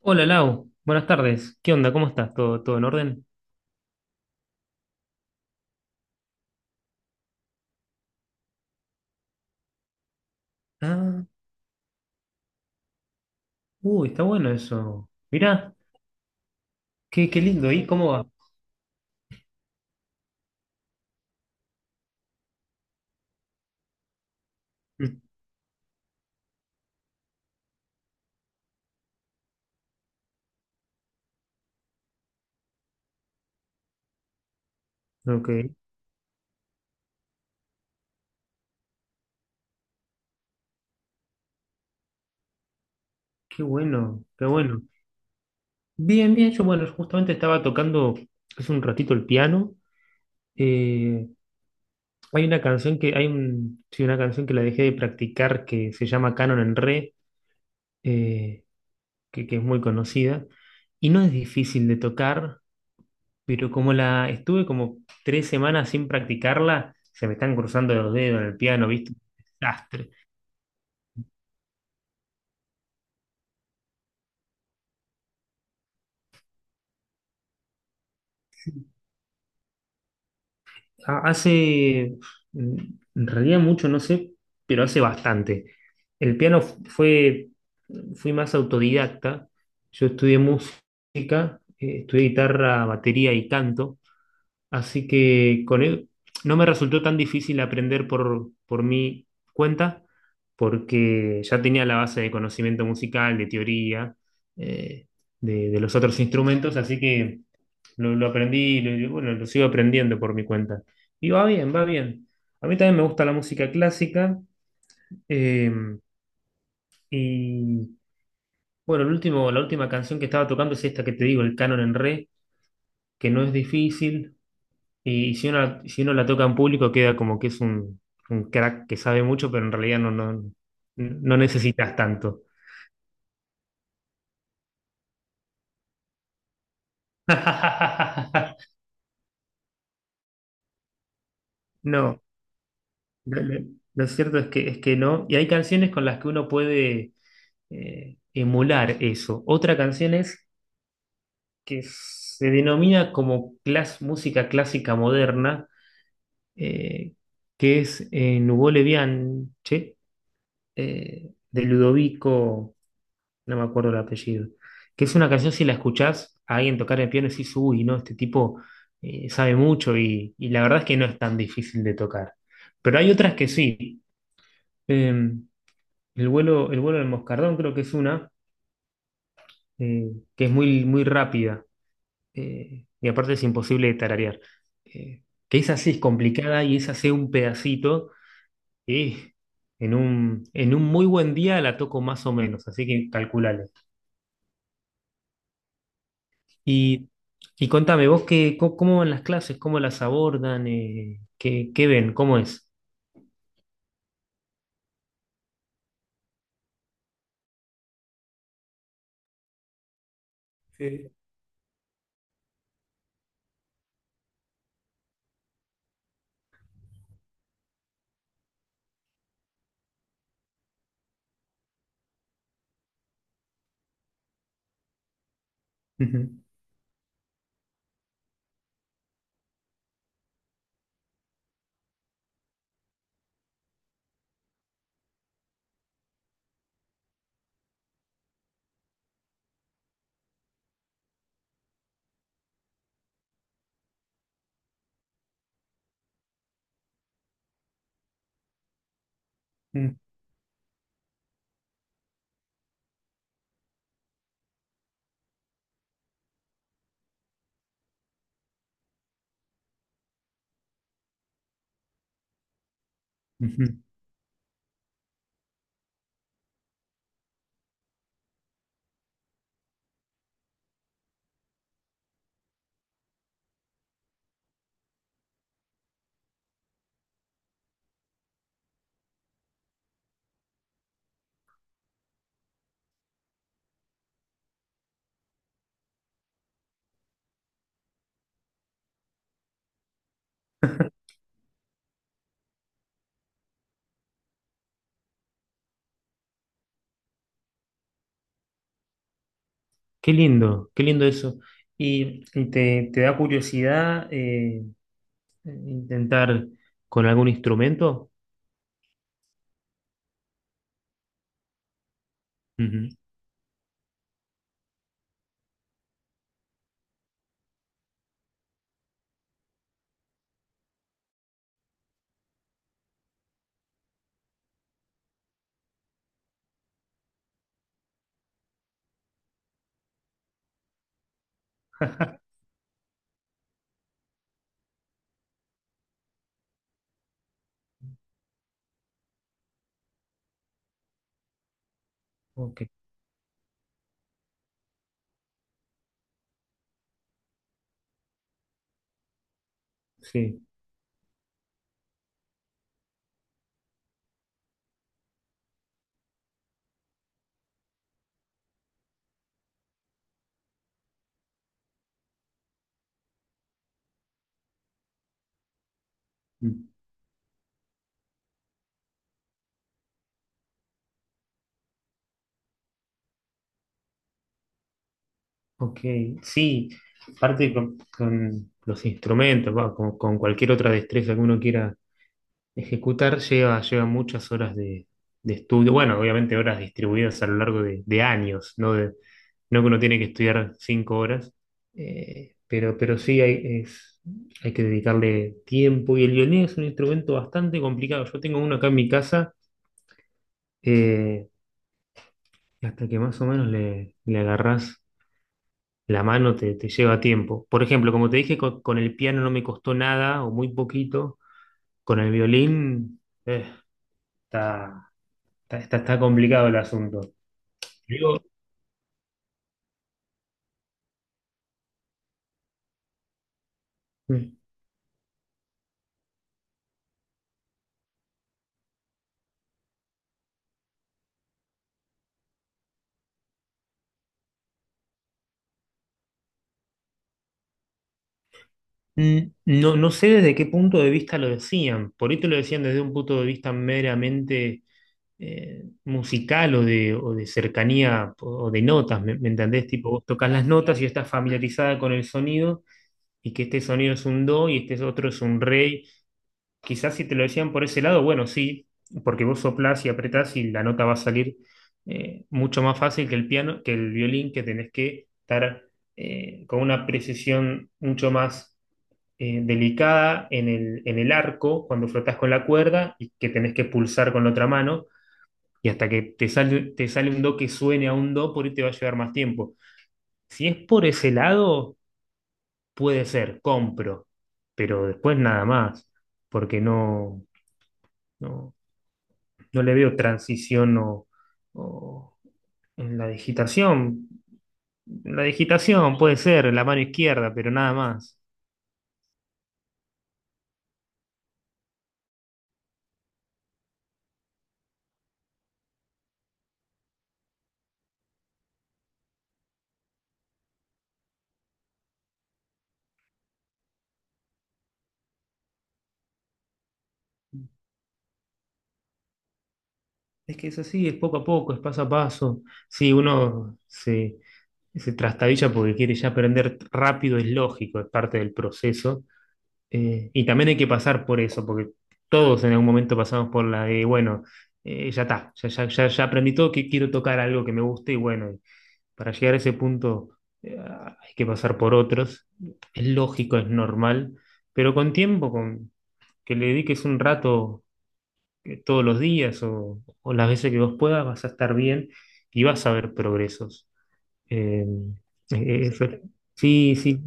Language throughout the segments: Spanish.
Hola Lau, buenas tardes. ¿Qué onda? ¿Cómo estás? ¿Todo en orden? Ah, uy, está bueno eso. Mirá, qué lindo. ¿Y cómo va? Mm. Ok, qué bueno, qué bueno. Bien, bien, yo bueno, justamente estaba tocando hace un ratito el piano. Eh, Hay una canción hay un, sí, una canción que la dejé de practicar que se llama Canon en Re, eh, que es muy conocida. Y no es difícil de tocar, pero como la estuve como tres semanas sin practicarla, se me están cruzando los dedos en el piano, ¿viste? Desastre. Hace, mm, en realidad mucho, no sé, pero hace bastante. El piano fue, fui más autodidacta. Yo estudié música, estudié guitarra, batería y canto. Así que con él no me resultó tan difícil aprender por mi cuenta, porque ya tenía la base de conocimiento musical, de teoría, eh, de los otros instrumentos, así que lo aprendí, bueno, lo sigo aprendiendo por mi cuenta. Y va bien, va bien. A mí también me gusta la música clásica. eh, y bueno, la última canción que estaba tocando es esta que te digo, el canon en re, que no es difícil. Y si uno, si uno la toca en público queda como que es un crack que sabe mucho, pero en realidad no, no, no necesitas tanto. No, lo, lo- lo cierto es es que no. Y hay canciones con las que uno puede emular eso. Otra canción es que se denomina como música clásica moderna, eh, que es Nuvole Bianche, de Ludovico. No me acuerdo el apellido, que es una canción si la escuchás a alguien tocar el piano y decís, uy, no, este tipo sabe mucho y la verdad es que no es tan difícil de tocar. Pero hay otras que sí. Eh, el vuelo, el vuelo del moscardón creo que es una eh, que es muy, muy rápida, y aparte es imposible de tararear. Eh, que esa sí es complicada y esa hace un pedacito y en un muy buen día la toco más o menos, así que calculale. Y, y contame, vos qué, cómo van las clases, cómo las abordan, qué, qué ven, cómo es. Sí. Ujú, ujú, ujú. Qué lindo eso. Y te, te da curiosidad intentar con algún instrumento? Ujú. Ok, sí, mm, ok, sí. Aparte con los instrumentos, va, con cualquier otra destreza que uno quiera ejecutar lleva, lleva muchas horas de estudio, bueno, obviamente horas distribuidas a lo largo de años, ¿no? No que uno tiene que estudiar cinco horas, pero sí hay, hay que dedicarle tiempo y el violín es un instrumento bastante complicado. Yo tengo uno acá en mi casa, eh, y hasta que más o menos le agarrás la mano te lleva tiempo. Por ejemplo, como te dije, con el piano no me costó nada o muy poquito, con el violín... eh, Está, está complicado el asunto. Digo, mm. mm, no, no sé desde qué punto de vista lo decían. Por ahí te lo decían desde un punto de vista meramente musical o de cercanía o de notas, ¿me, me entendés? Tipo, vos tocas las notas y estás familiarizada con el sonido y que este sonido es un do y este otro es un re. Quizás si te lo decían por ese lado, bueno, sí, porque vos soplás y apretás y la nota va a salir mucho más fácil que el piano, que el violín, que tenés que estar con una precisión mucho más delicada en en el arco cuando frotás con la cuerda y que tenés que pulsar con la otra mano. Y hasta que te sale un do que suene a un do, por ahí te va a llevar más tiempo. Si es por ese lado, puede ser, compro, pero después nada más, porque no, no, no le veo transición o en la digitación. La digitación puede ser la mano izquierda, pero nada más. Es que es así, es poco a poco, es paso a paso. Si uno se, se trastabilla porque quiere ya aprender rápido, es lógico, es parte del proceso. Y también hay que pasar por eso, porque todos en algún momento pasamos por la de, bueno, ya está, ya, ya, ya, ya aprendí todo, que quiero tocar algo que me guste y bueno, para llegar a ese punto hay que pasar por otros. Es lógico, es normal, pero con tiempo, con que le dediques un rato, todos los días o las veces que vos puedas, vas a estar bien y vas a ver progresos. Em, Eh, Sí, sí, sí,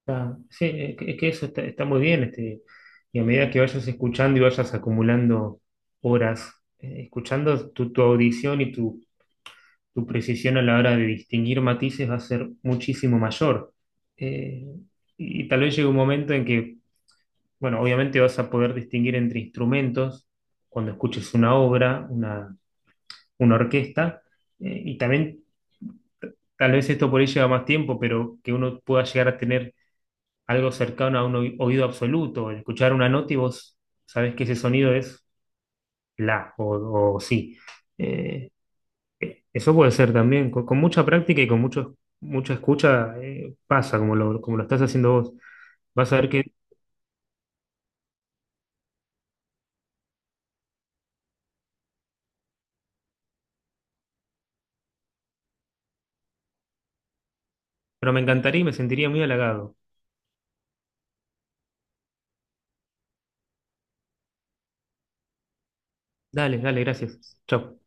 sí, es que eso está, está muy bien. Este, y a medida que vayas escuchando y vayas acumulando horas, escuchando tu audición y tu tu precisión a la hora de distinguir matices va a ser muchísimo mayor. Eh, y tal vez llegue un momento en que, bueno, obviamente vas a poder distinguir entre instrumentos cuando escuches una orquesta, y también tal vez esto por ahí lleva más tiempo, pero que uno pueda llegar a tener algo cercano a un oído absoluto, el escuchar una nota y vos sabés que ese sonido es la o sí. Eh, Eso puede ser también, con mucha práctica y con mucho, mucha escucha, pasa, como lo estás haciendo vos. Vas a ver que, pero me encantaría y me sentiría muy halagado. Dale, dale, gracias. Chau.